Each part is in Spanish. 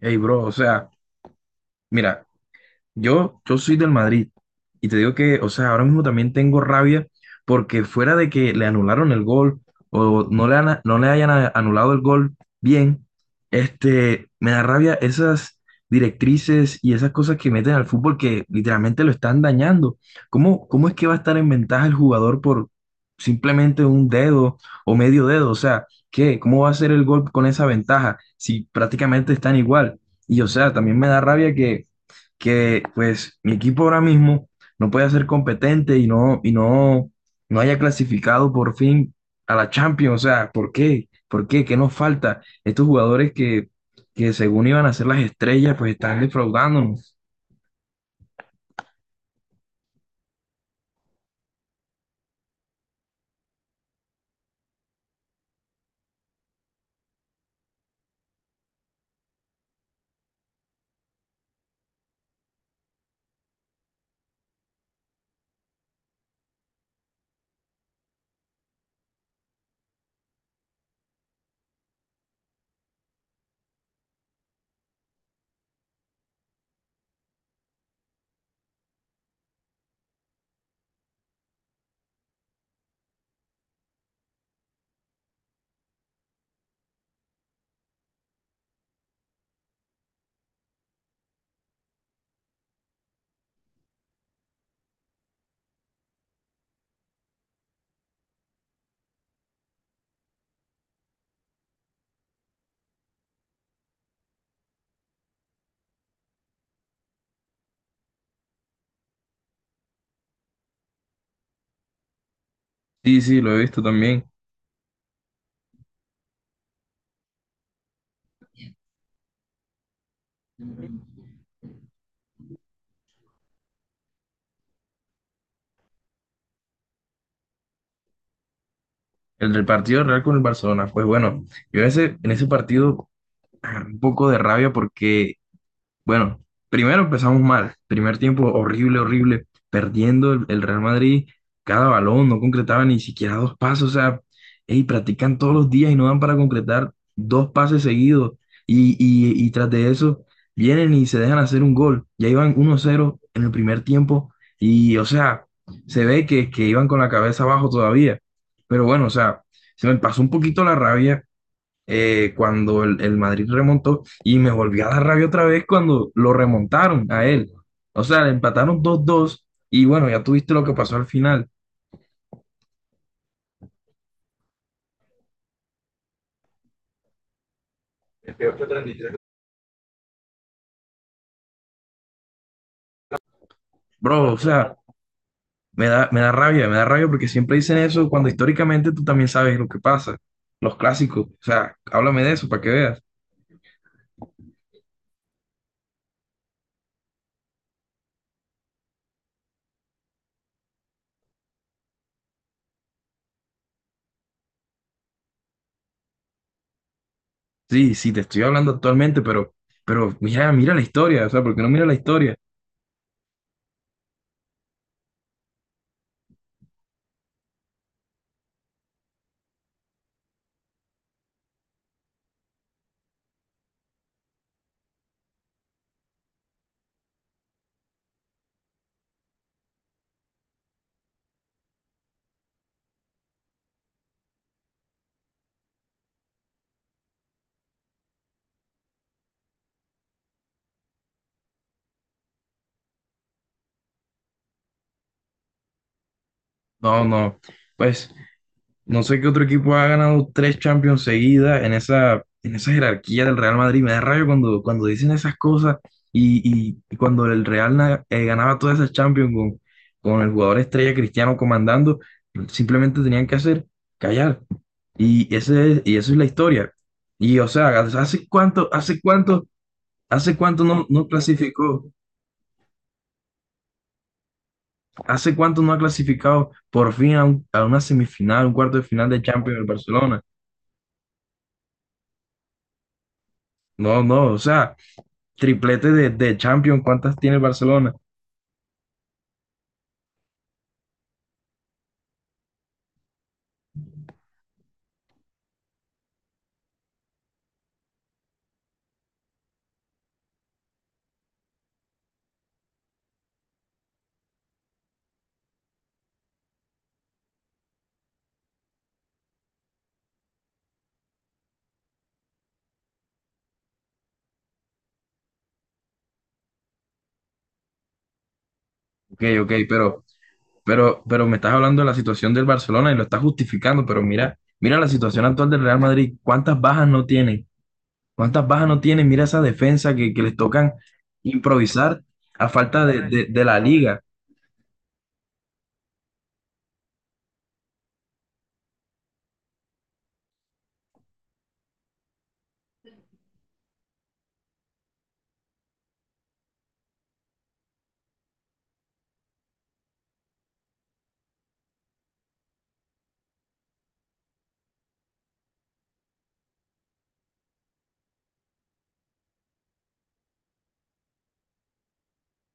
Hey, bro, o sea, mira, yo soy del Madrid y te digo que, o sea, ahora mismo también tengo rabia porque fuera de que le anularon el gol o no le hayan anulado el gol bien, me da rabia esas directrices y esas cosas que meten al fútbol que literalmente lo están dañando. ¿Cómo es que va a estar en ventaja el jugador por simplemente un dedo o medio dedo? O sea, ¿qué? ¿Cómo va a ser el gol con esa ventaja si prácticamente están igual? Y o sea, también me da rabia que pues mi equipo ahora mismo no puede ser competente no haya clasificado por fin a la Champions. O sea, ¿por qué? ¿Por qué? ¿Qué nos falta? Estos que según iban a ser las estrellas, pues están defraudándonos. Sí, sí, lo he visto también. El del partido del Real con el Barcelona. Pues bueno, yo en ese partido agarré un poco de rabia porque bueno, primero empezamos mal. Primer tiempo horrible, horrible. Perdiendo el Real Madrid cada balón, no concretaba ni siquiera dos pasos. O sea, ey, practican todos los días y no dan para concretar dos pases seguidos. Y tras de eso, vienen y se dejan hacer un gol. Ya iban uno cero en el primer tiempo. Y, o sea, se ve que iban con la cabeza abajo todavía. Pero bueno, o sea, se me pasó un poquito la rabia cuando el Madrid remontó y me volvió a dar rabia otra vez cuando lo remontaron a él. O sea, le empataron dos dos y bueno, ya tuviste lo que pasó al final. Bro, o sea, me da rabia porque siempre dicen eso cuando históricamente tú también sabes lo que pasa, los clásicos. O sea, háblame de eso para que veas. Sí, sí, te estoy hablando actualmente, pero mira, mira la historia, o sea, ¿porque no mira la historia? No, no, pues no sé qué otro equipo ha ganado tres Champions seguidas en esa jerarquía del Real Madrid. Me da rayo cuando dicen esas cosas y, y cuando el Real ganaba todas esas Champions con el jugador estrella Cristiano comandando, simplemente tenían que hacer callar. Y eso es la historia. Y o sea, ¿hace cuánto no, no clasificó? ¿Hace cuánto no ha clasificado por fin a una semifinal, un cuarto de final de Champions el Barcelona? No, no, o sea, triplete de Champions, ¿cuántas tiene el Barcelona? Ok, ok, pero me estás hablando de la situación del Barcelona y lo estás justificando, pero mira, mira la situación actual del Real Madrid, ¿cuántas bajas no tienen? ¿Cuántas bajas no tienen? Mira esa que les tocan improvisar a falta de la liga.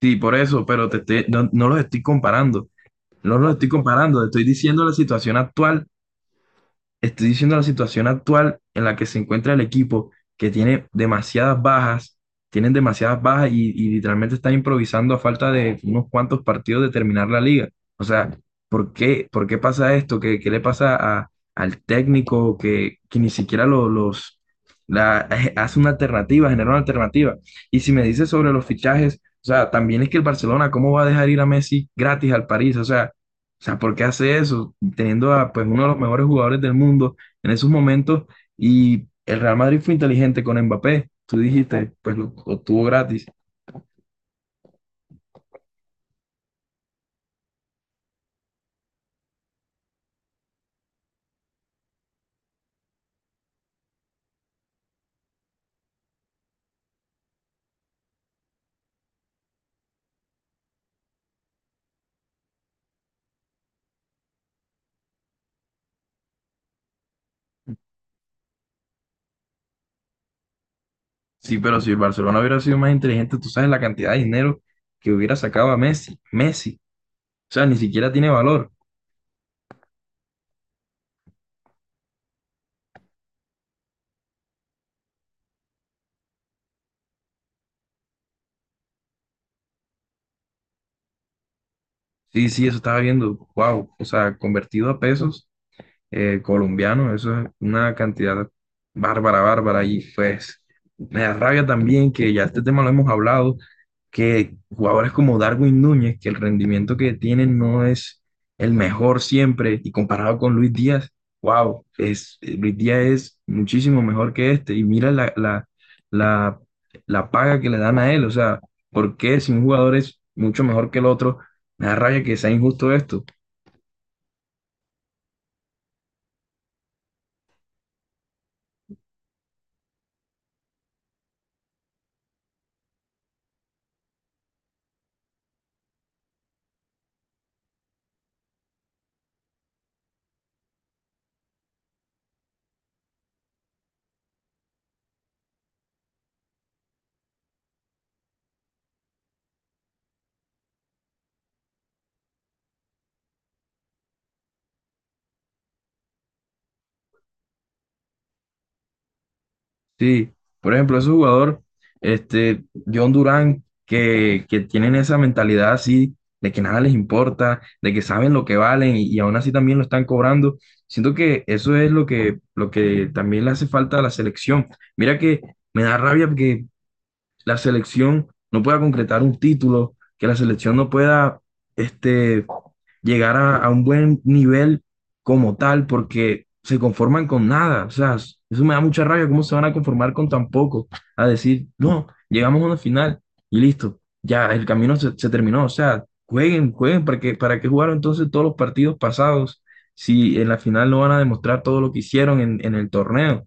Sí, por eso, pero te estoy- no, no los estoy comparando, no los estoy comparando, estoy diciendo la situación actual. Estoy diciendo la situación actual en la que se encuentra el equipo, que tiene demasiadas bajas, tienen demasiadas bajas y literalmente están improvisando a falta de unos cuantos partidos de terminar la liga. O sea, ¿por qué pasa esto? ¿Qué le pasa al técnico que ni siquiera hace una alternativa, genera una alternativa? Y si me dices sobre los fichajes, o sea, también es que el Barcelona, ¿cómo va a dejar ir a Messi gratis al París? O sea, ¿por qué hace eso? Teniendo a pues, uno de los mejores jugadores del mundo en esos momentos y el Real Madrid fue inteligente con Mbappé. Tú dijiste, pues lo obtuvo gratis. Sí, pero si el Barcelona hubiera sido más inteligente, tú sabes la cantidad de dinero que hubiera sacado a Messi. Messi, o sea, ni siquiera tiene valor. Sí, sí, eso estaba viendo, wow, o sea, convertido a pesos, colombianos, eso es una cantidad bárbara, bárbara. Y pues me da rabia también que ya este tema lo hemos hablado, que jugadores como Darwin Núñez, que el rendimiento que tienen no es el mejor siempre, y comparado con Luis Díaz, wow, es, Luis Díaz es muchísimo mejor que este. Y mira la, la paga que le dan a él, o sea, ¿por qué si un jugador es mucho mejor que el otro? Me da rabia que sea injusto esto. Sí, por ejemplo, ese jugador, este, John Durán, que tienen esa mentalidad así, de que nada les importa, de que saben lo que valen y aún así también lo están cobrando. Siento que eso es lo lo que también le hace falta a la selección. Mira que me da rabia porque la selección no pueda concretar un título, que la selección no pueda este, llegar a un buen nivel como tal, porque se conforman con nada. O sea, eso me da mucha rabia, cómo se van a conformar con tan poco, a decir, no, llegamos a una final y listo, ya el camino se, se terminó. O sea, jueguen, jueguen, ¿para qué jugaron entonces todos los partidos pasados si en la final no van a demostrar todo lo que hicieron en el torneo?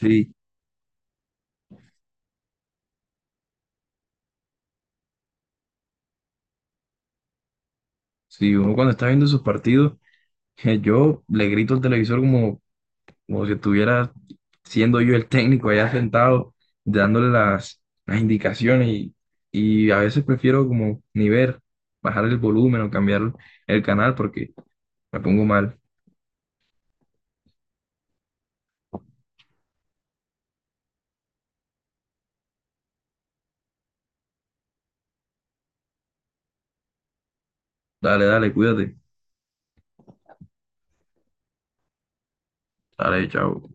Sí, sí, uno cuando está viendo sus partidos yo le grito al televisor como, como si estuviera siendo yo el técnico allá sentado, dándole las indicaciones y a veces prefiero como ni ver, bajar el volumen o cambiar el canal porque me pongo mal. Dale, dale, cuídate. Dale, chao.